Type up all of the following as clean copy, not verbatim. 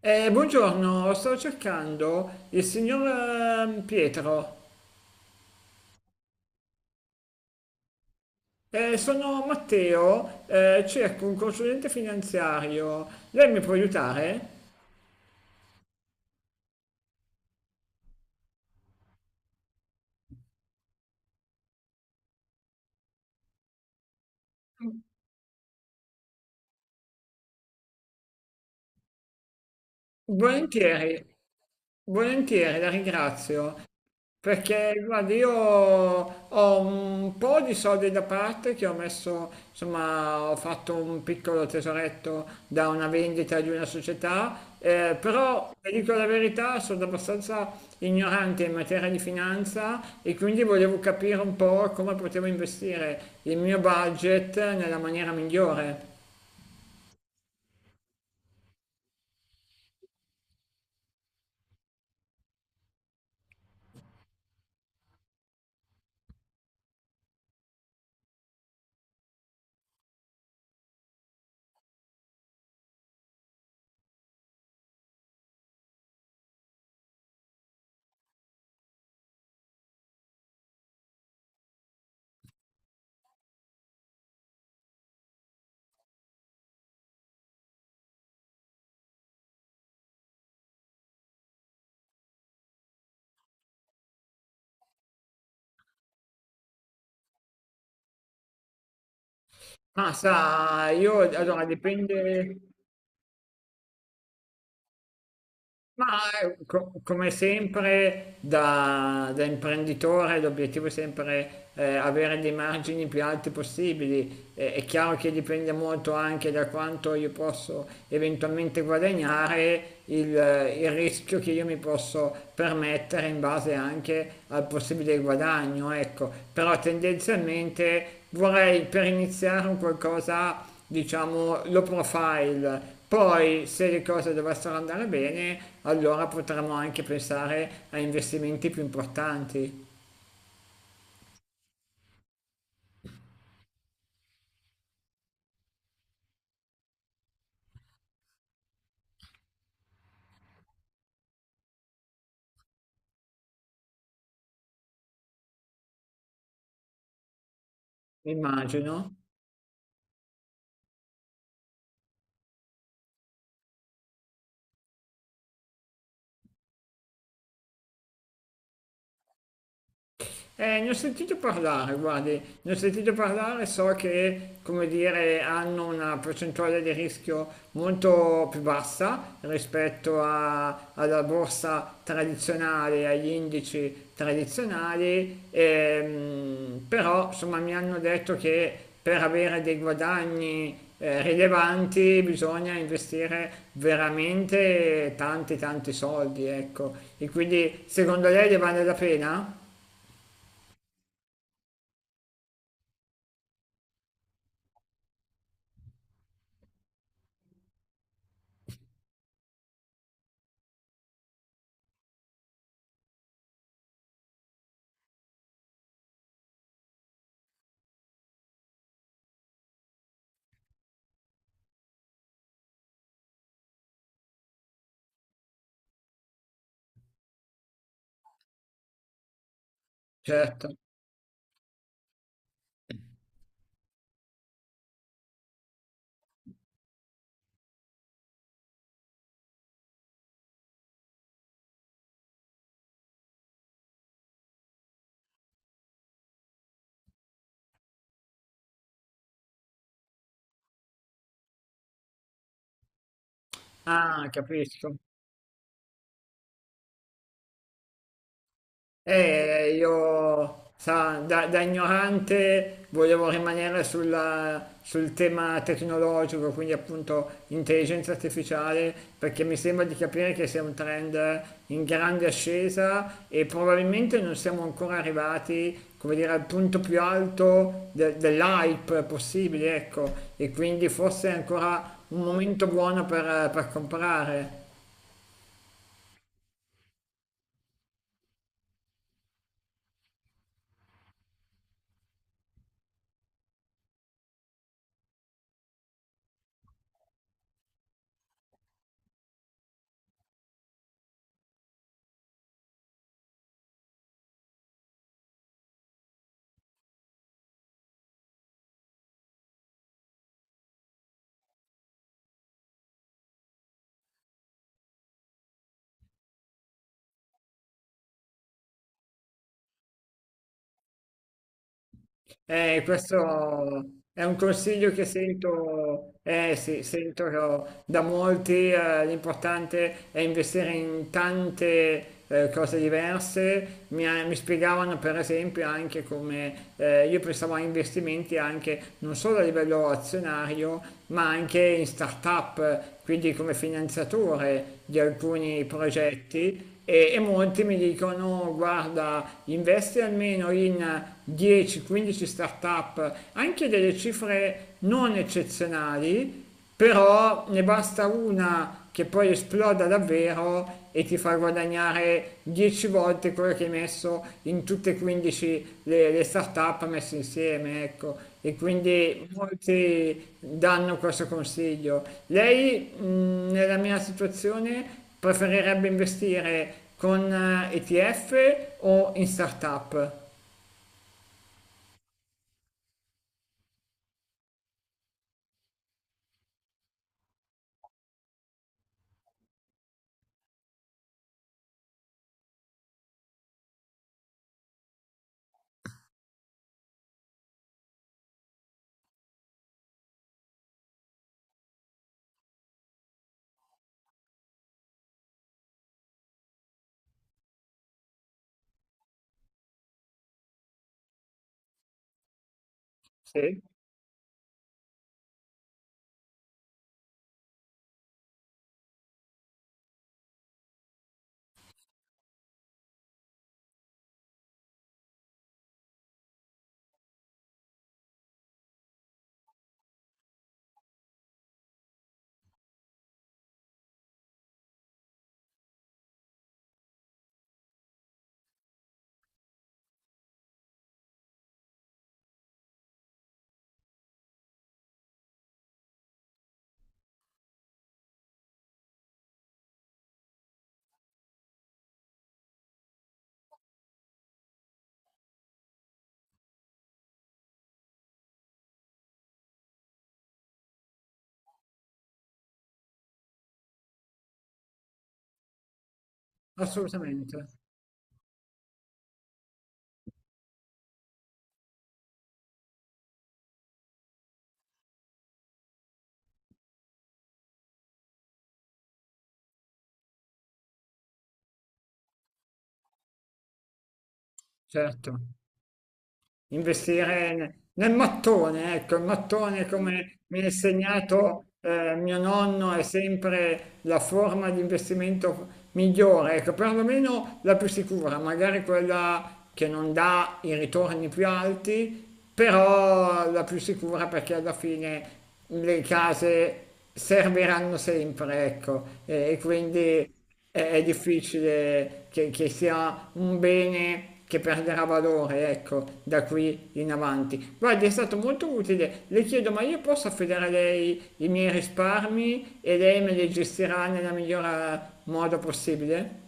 Buongiorno, stavo cercando il signor Pietro. Sono Matteo, cerco un consulente finanziario. Lei mi può aiutare? Volentieri, volentieri, la ringrazio. Perché guarda, io ho un po' di soldi da parte che ho messo, insomma, ho fatto un piccolo tesoretto da una vendita di una società, però vi dico la verità, sono abbastanza ignorante in materia di finanza e quindi volevo capire un po' come potevo investire il mio budget nella maniera migliore. Ma sa, io allora dipende. Ma come sempre da imprenditore l'obiettivo è sempre avere dei margini più alti possibili. È chiaro che dipende molto anche da quanto io posso eventualmente guadagnare, il rischio che io mi posso permettere in base anche al possibile guadagno, ecco. Però tendenzialmente vorrei per iniziare un qualcosa diciamo, low profile. Poi, se le cose dovessero andare bene, allora potremmo anche pensare a investimenti più importanti, immagino. Ne ho sentito parlare, guardi, ne ho sentito parlare, so che, come dire, hanno una percentuale di rischio molto più bassa alla borsa tradizionale, agli indici tradizionali, però insomma mi hanno detto che per avere dei guadagni rilevanti bisogna investire veramente tanti tanti soldi, ecco. E quindi secondo lei ne vale la pena? Certo. Ah, capisco. Io, sa, da ignorante volevo rimanere sul tema tecnologico, quindi appunto intelligenza artificiale, perché mi sembra di capire che sia un trend in grande ascesa e probabilmente non siamo ancora arrivati, come dire, al punto più alto dell'hype possibile, ecco, e quindi forse è ancora un momento buono per comprare. Questo è un consiglio che sento, sì, sento da molti, l'importante è investire in tante cose diverse. Mi spiegavano per esempio anche come io pensavo a investimenti anche non solo a livello azionario, ma anche in start-up, quindi come finanziatore di alcuni progetti e molti mi dicono guarda investi almeno in 10-15 startup, anche delle cifre non eccezionali, però ne basta una che poi esploda davvero e ti fa guadagnare 10 volte quello che hai messo in tutte e 15 le start-up messe insieme, ecco. E quindi molti danno questo consiglio. Lei, nella mia situazione, preferirebbe investire con ETF o in startup? Sì, assolutamente, certo. Investire nel mattone, ecco, il mattone come mi ha insegnato mio nonno è sempre la forma di investimento migliore, ecco, perlomeno la più sicura, magari quella che non dà i ritorni più alti, però la più sicura perché alla fine le case serviranno sempre, ecco, e quindi è difficile che sia un bene che perderà valore, ecco, da qui in avanti. Guardi, è stato molto utile. Le chiedo, ma io posso affidare a lei i miei risparmi e lei me li gestirà nel miglior modo possibile?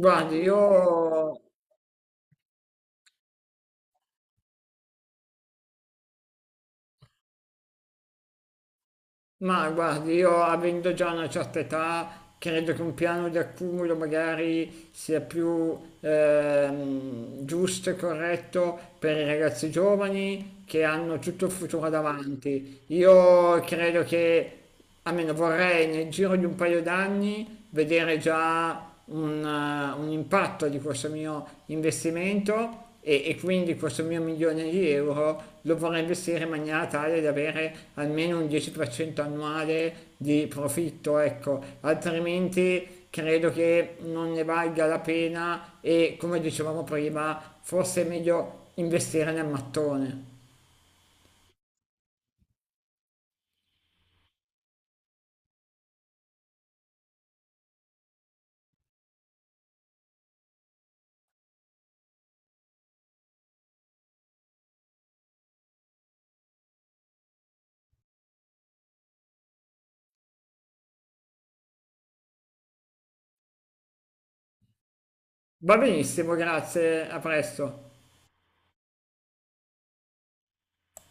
Guardi, io... Ma guardi, io avendo già una certa età, credo che un piano di accumulo magari sia più giusto e corretto per i ragazzi giovani che hanno tutto il futuro davanti. Io credo che almeno vorrei nel giro di un paio d'anni vedere già un impatto di questo mio investimento e quindi questo mio milione di euro lo vorrei investire in maniera tale da avere almeno un 10% annuale di profitto, ecco, altrimenti credo che non ne valga la pena e come dicevamo prima, forse è meglio investire nel mattone. Va benissimo, grazie, a presto.